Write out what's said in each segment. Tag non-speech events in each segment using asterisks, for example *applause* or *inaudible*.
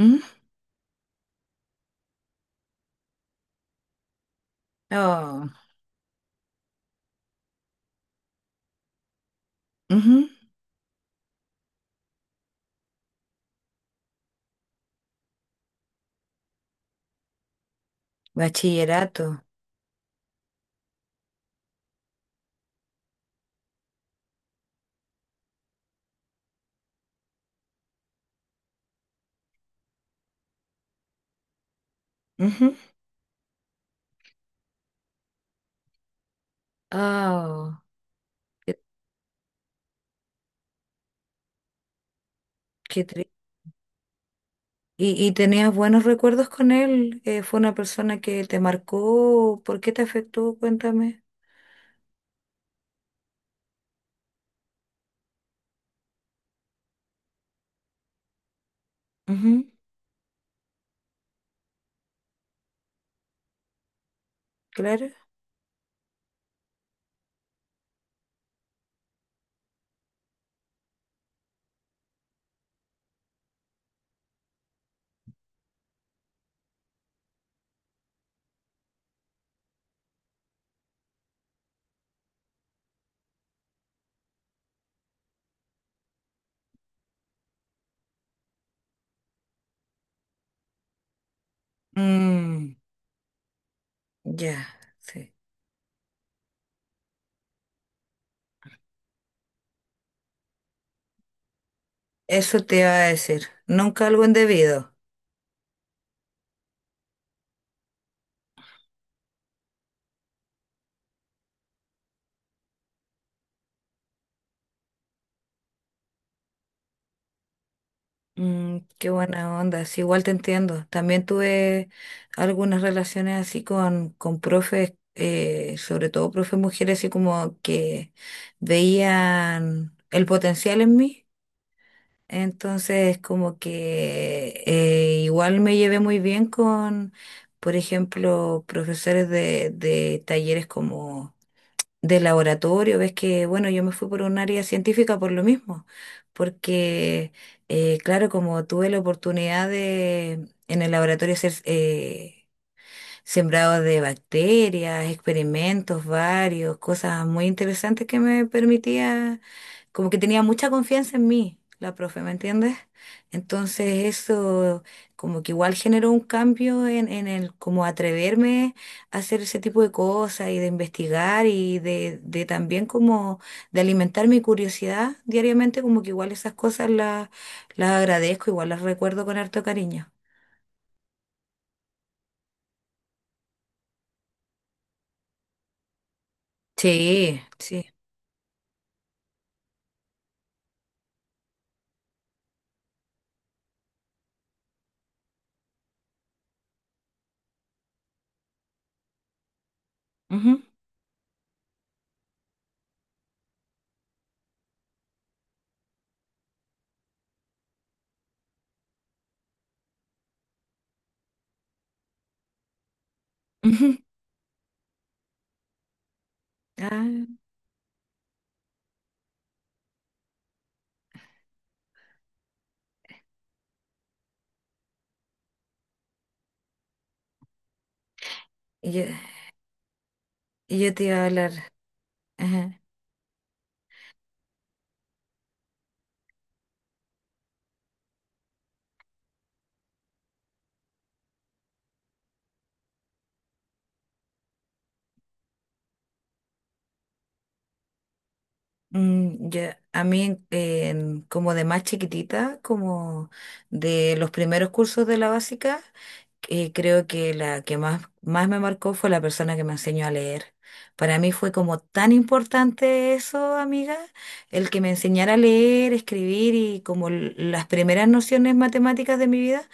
Mm. Oh. Ujú. Bachillerato. Ujú. Oh, qué, qué tri- ¿Y, tenías buenos recuerdos con él? ¿Fue una persona que te marcó? ¿Por qué te afectó? Cuéntame. Ujú. Claro. Mm, ya, sí. Eso te iba a decir. Nunca algo indebido. Mm, qué buena onda, sí, igual te entiendo. También tuve algunas relaciones así con profes, sobre todo profes mujeres, así como que veían el potencial en mí. Entonces, como que igual me llevé muy bien con, por ejemplo, profesores de talleres como de laboratorio, ves que, bueno, yo me fui por un área científica por lo mismo, porque, claro, como tuve la oportunidad de en el laboratorio ser sembrado de bacterias, experimentos varios, cosas muy interesantes que me permitía como que tenía mucha confianza en mí, la profe, ¿me entiendes? Entonces eso como que igual generó un cambio en el como atreverme a hacer ese tipo de cosas y de investigar y de también como de alimentar mi curiosidad diariamente, como que igual esas cosas las agradezco, igual las recuerdo con harto cariño. Sí, sí. Ujú, ujú. Ah, y yo, y yo te iba a hablar. Mm, ya. A mí, en- como de más chiquitita, como de los primeros cursos de la básica, creo que la que más, más me marcó fue la persona que me enseñó a leer. Para mí fue como tan importante eso, amiga, el que me enseñara a leer, escribir y como l- las primeras nociones matemáticas de mi vida,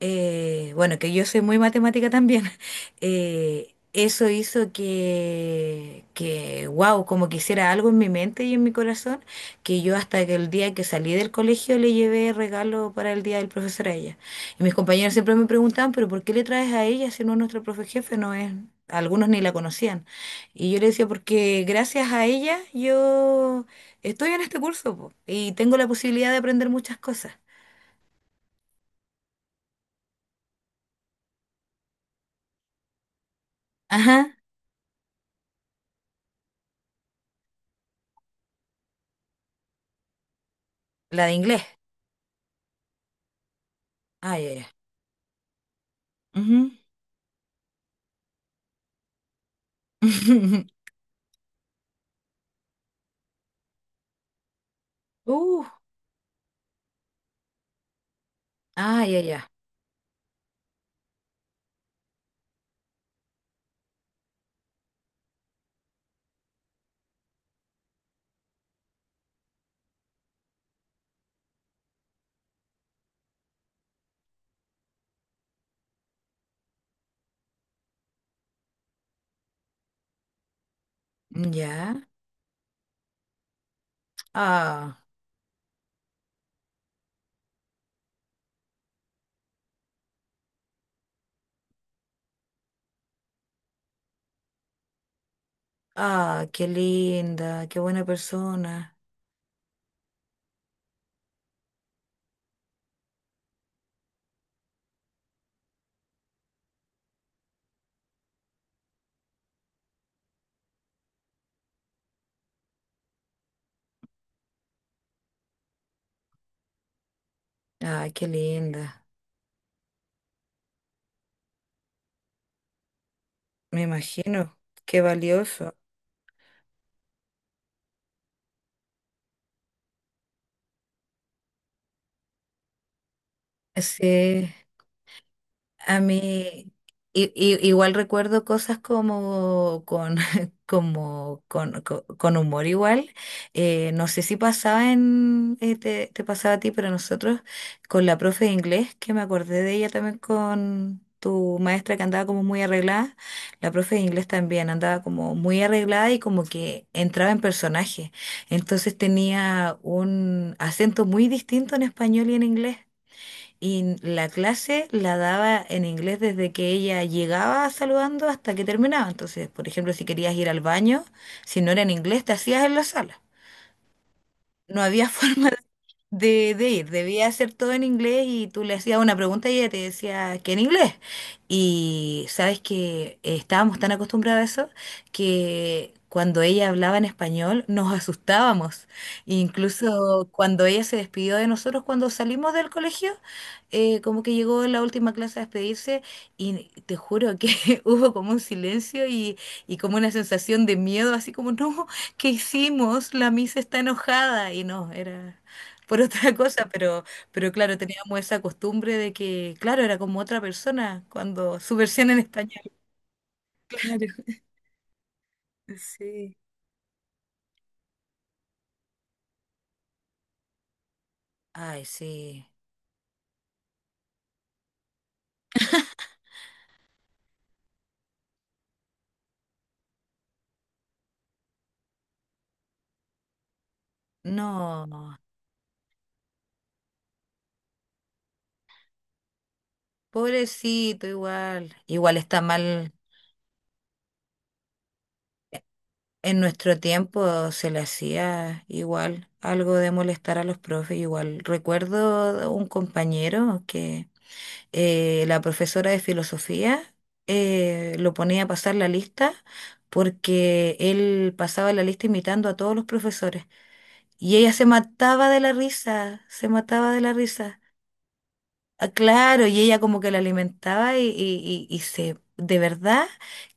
bueno, que yo soy muy matemática también, *laughs* eso hizo que, wow, como que hiciera algo en mi mente y en mi corazón, que yo hasta que el día que salí del colegio le llevé regalo para el día del profesor a ella. Y mis compañeros siempre me preguntaban, pero ¿por qué le traes a ella si no es nuestra profe jefe? No es, algunos ni la conocían. Y yo le decía, porque gracias a ella yo estoy en este curso, po, y tengo la posibilidad de aprender muchas cosas. Ajá, la de inglés. Ay, ay, ay. Ujú. *laughs* Uh, ah, ya, ya. Ya. Ah, ah, qué linda, qué buena persona. Ah, qué linda. Me imagino, qué valioso. Sí. A mí igual recuerdo cosas como con, *laughs* como con, co- con humor igual. No sé si pasaba en, te, te pasaba a ti, pero nosotros con la profe de inglés, que me acordé de ella también con tu maestra que andaba como muy arreglada, la profe de inglés también andaba como muy arreglada y como que entraba en personaje. Entonces tenía un acento muy distinto en español y en inglés. Y la clase la daba en inglés desde que ella llegaba saludando hasta que terminaba. Entonces, por ejemplo, si querías ir al baño, si no era en inglés, te hacías en la sala. No había *laughs* forma de ir. Debía hacer todo en inglés y tú le hacías una pregunta y ella te decía que en inglés. Y sabes que estábamos tan acostumbrados a eso que cuando ella hablaba en español nos asustábamos. Incluso cuando ella se despidió de nosotros cuando salimos del colegio, como que llegó en la última clase a despedirse y te juro que *laughs* hubo como un silencio y como una sensación de miedo, así como, no, ¿qué hicimos? La misa está enojada y no, era por otra *laughs* cosa, pero claro, teníamos esa costumbre de que, claro, era como otra persona cuando su versión en español, claro. *laughs* Sí. Ay, sí. No, pobrecito, igual. Igual está mal. En nuestro tiempo se le hacía igual algo de molestar a los profes. Igual recuerdo un compañero que la profesora de filosofía lo ponía a pasar la lista porque él pasaba la lista imitando a todos los profesores. Y ella se mataba de la risa, se mataba de la risa. Ah, claro, y ella como que la alimentaba y, y se, de verdad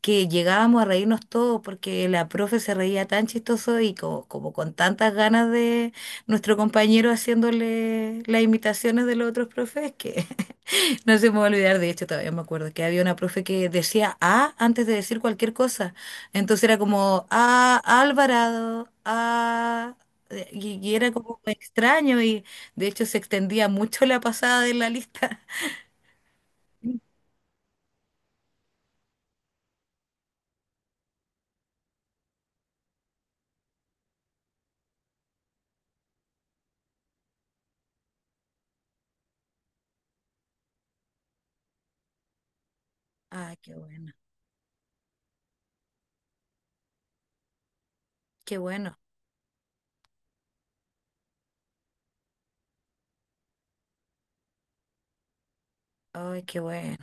que llegábamos a reírnos todos porque la profe se reía tan chistoso y co- como, con tantas ganas de nuestro compañero haciéndole las imitaciones de los otros profes que *laughs* no se me va a olvidar, de hecho todavía me acuerdo que había una profe que decía A antes de decir cualquier cosa, entonces era como A Alvarado, A Y, y era como extraño y de hecho se extendía mucho la pasada de la lista. *laughs* Ah, qué bueno, ay, qué bueno.